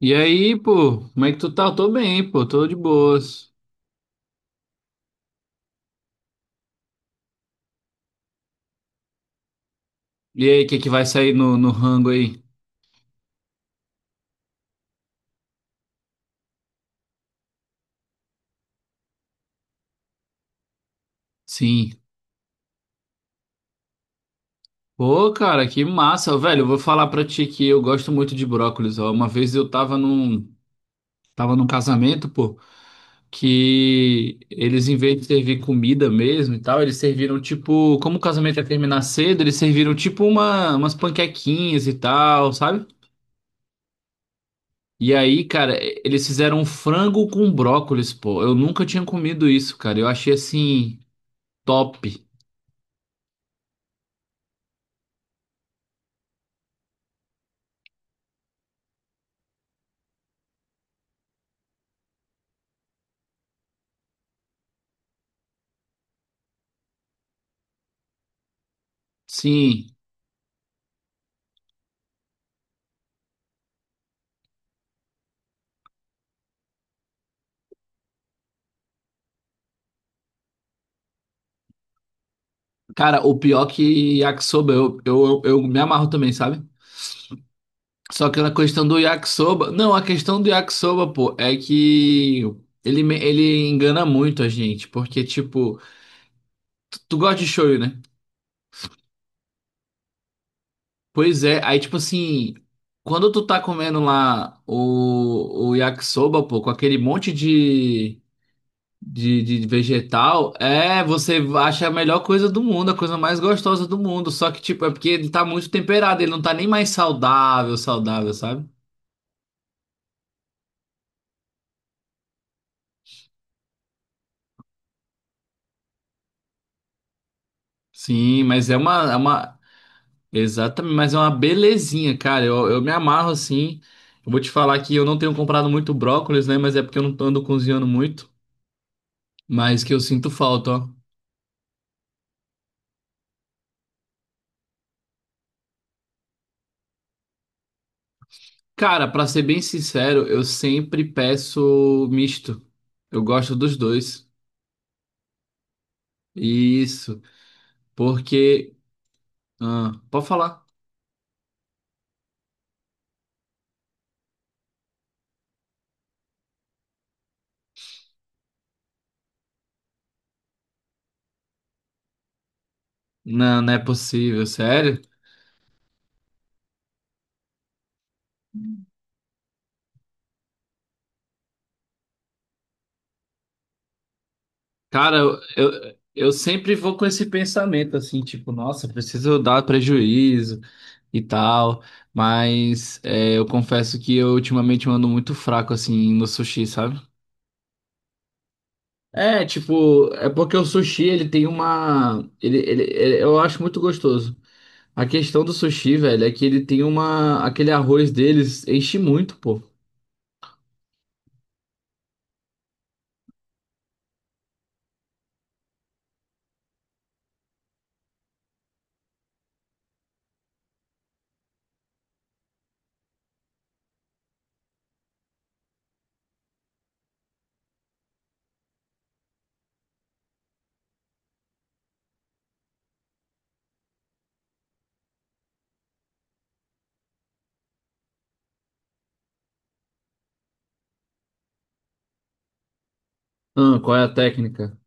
E aí, pô, como é que tu tá? Tô bem, pô, tô de boas. E aí, o que que vai sair no rango aí? Sim. Pô, cara, que massa, velho. Eu vou falar pra ti que eu gosto muito de brócolis, ó. Uma vez eu tava tava num casamento, pô, que eles, em vez de servir comida mesmo e tal, eles serviram tipo, como o casamento ia terminar cedo, eles serviram tipo umas panquequinhas e tal, sabe? E aí, cara, eles fizeram um frango com brócolis, pô. Eu nunca tinha comido isso, cara. Eu achei assim. Top. Sim. Cara, o pior que yakisoba, eu me amarro também, sabe? Só que na questão do yakisoba. Não, a questão do yakisoba, pô, é que ele engana muito a gente. Porque, tipo, tu gosta de shoyu, né? Pois é, aí, tipo assim, quando tu tá comendo lá o yakisoba, pô, com aquele monte de. De vegetal, é, você acha a melhor coisa do mundo, a coisa mais gostosa do mundo. Só que, tipo, é porque ele tá muito temperado, ele não tá nem mais saudável, sabe? Sim, mas é uma, é uma, exatamente, mas é uma belezinha, cara. Eu me amarro assim. Eu vou te falar que eu não tenho comprado muito brócolis, né? Mas é porque eu não ando cozinhando muito. Mas que eu sinto falta, ó. Cara, pra ser bem sincero, eu sempre peço misto. Eu gosto dos dois. Isso, porque Ah, pode falar. Não, não é possível, sério? Cara, eu sempre vou com esse pensamento assim, tipo, nossa, preciso dar prejuízo e tal, mas é, eu confesso que eu ultimamente ando muito fraco assim no sushi, sabe? É, tipo, é porque o sushi ele tem uma. Eu acho muito gostoso. A questão do sushi, velho, é que ele tem uma. Aquele arroz deles enche muito, pô. Ah, qual é a técnica?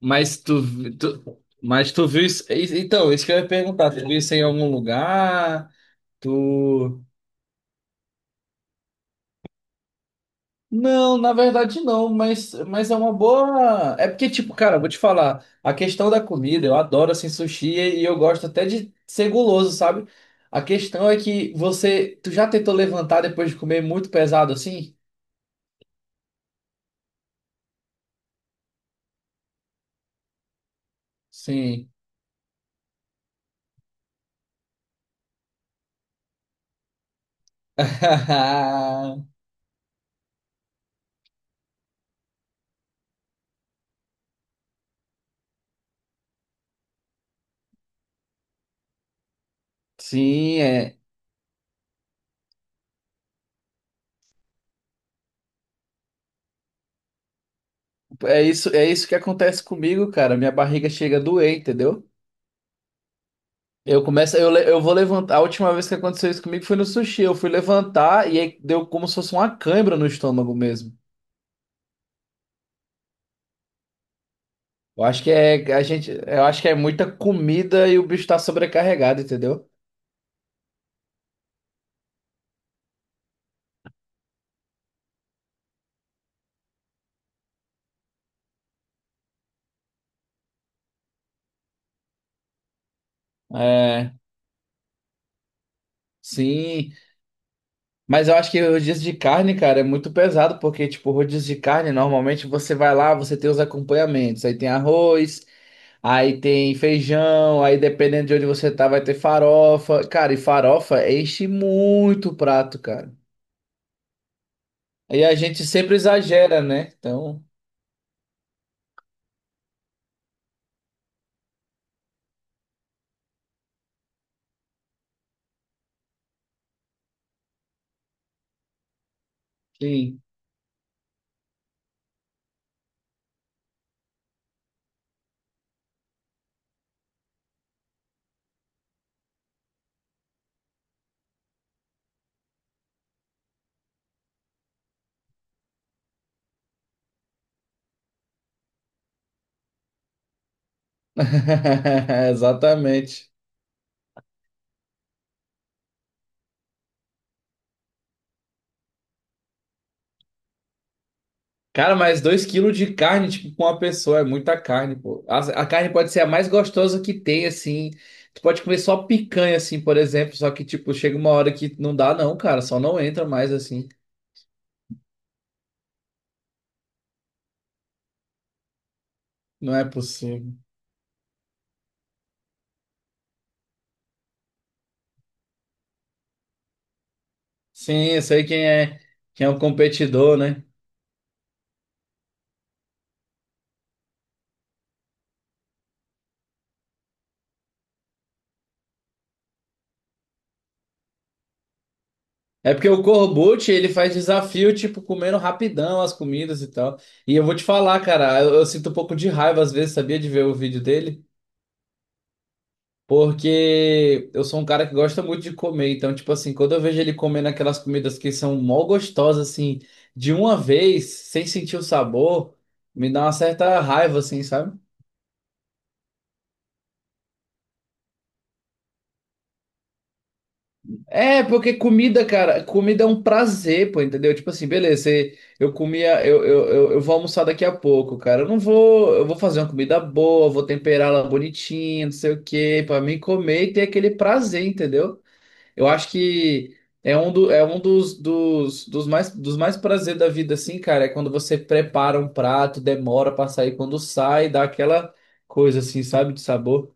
Mas tu, mas tu viu isso? Então, isso que eu ia perguntar. Tu viu isso em algum lugar? Tu. Não, na verdade não, mas é uma boa. É porque, tipo, cara, eu vou te falar, a questão da comida, eu adoro assim sushi e eu gosto até de ser guloso, sabe? A questão é que você. Tu já tentou levantar depois de comer muito pesado assim? Sim. Sim, é isso que acontece comigo, cara. Minha barriga chega a doer, entendeu? Eu começo, eu vou levantar. A última vez que aconteceu isso comigo foi no sushi. Eu fui levantar e aí deu como se fosse uma cãibra no estômago mesmo. Eu acho que é a gente, eu acho que é muita comida e o bicho tá sobrecarregado, entendeu? É, sim. Mas eu acho que o rodízio de carne, cara, é muito pesado, porque, tipo, rodízio de carne, normalmente você vai lá, você tem os acompanhamentos. Aí tem arroz, aí tem feijão, aí dependendo de onde você tá, vai ter farofa. Cara, e farofa enche muito o prato, cara. E a gente sempre exagera, né? Então, sim. Exatamente. Cara, mas dois quilos de carne, tipo, com uma pessoa, é muita carne, pô. A carne pode ser a mais gostosa que tem, assim. Tu pode comer só picanha, assim, por exemplo. Só que, tipo, chega uma hora que não dá, não, cara. Só não entra mais, assim. Não é possível. Sim, eu sei quem é o competidor, né? É porque o Corbucci, ele faz desafio, tipo, comendo rapidão as comidas e tal. E eu vou te falar, cara, eu sinto um pouco de raiva às vezes, sabia, de ver o vídeo dele? Porque eu sou um cara que gosta muito de comer. Então, tipo assim, quando eu vejo ele comendo aquelas comidas que são mó gostosas, assim, de uma vez, sem sentir o sabor, me dá uma certa raiva, assim, sabe? É, porque comida, cara, comida é um prazer, pô, entendeu? Tipo assim, beleza, você- eu comia, eu vou almoçar daqui a pouco, cara. Eu não vou, eu vou fazer uma comida boa, vou temperá-la bonitinha, não sei o quê, pra mim comer e ter aquele prazer, entendeu? Eu acho que é é um dos mais prazer da vida, assim, cara, é quando você prepara um prato, demora pra sair, quando sai, dá aquela coisa assim, sabe, de sabor.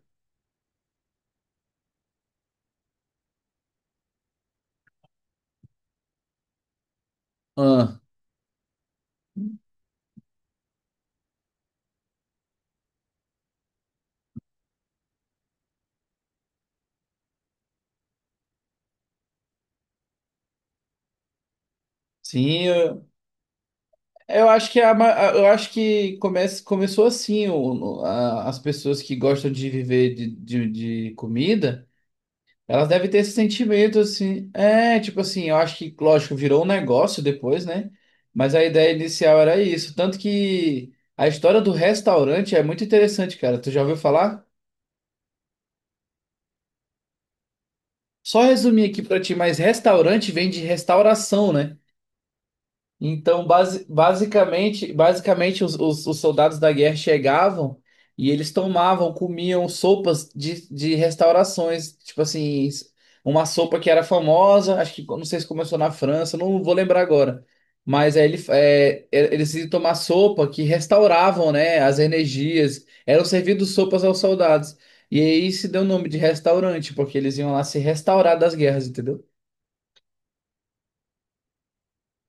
Ah, sim, eu acho que é a eu acho que começou assim, as pessoas que gostam de viver de comida, elas devem ter esse sentimento assim. É, tipo assim, eu acho que, lógico, virou um negócio depois, né? Mas a ideia inicial era isso. Tanto que a história do restaurante é muito interessante, cara. Tu já ouviu falar? Só resumir aqui pra ti, mas restaurante vem de restauração, né? Então, basicamente os, os soldados da guerra chegavam e eles tomavam, comiam sopas de restaurações, tipo assim, uma sopa que era famosa, acho que não sei se começou na França, não vou lembrar agora. Mas aí ele, eles iam tomar sopa que restauravam, né, as energias, eram servidos sopas aos soldados. E aí se deu o nome de restaurante, porque eles iam lá se restaurar das guerras, entendeu?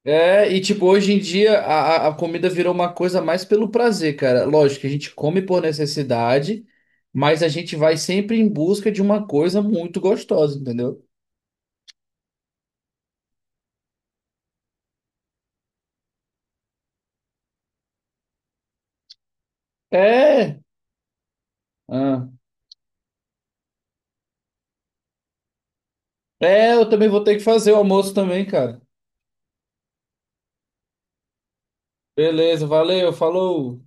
É, e tipo, hoje em dia a comida virou uma coisa mais pelo prazer, cara. Lógico que a gente come por necessidade, mas a gente vai sempre em busca de uma coisa muito gostosa, entendeu? É, ah. É, eu também vou ter que fazer o almoço também, cara. Beleza, valeu, falou.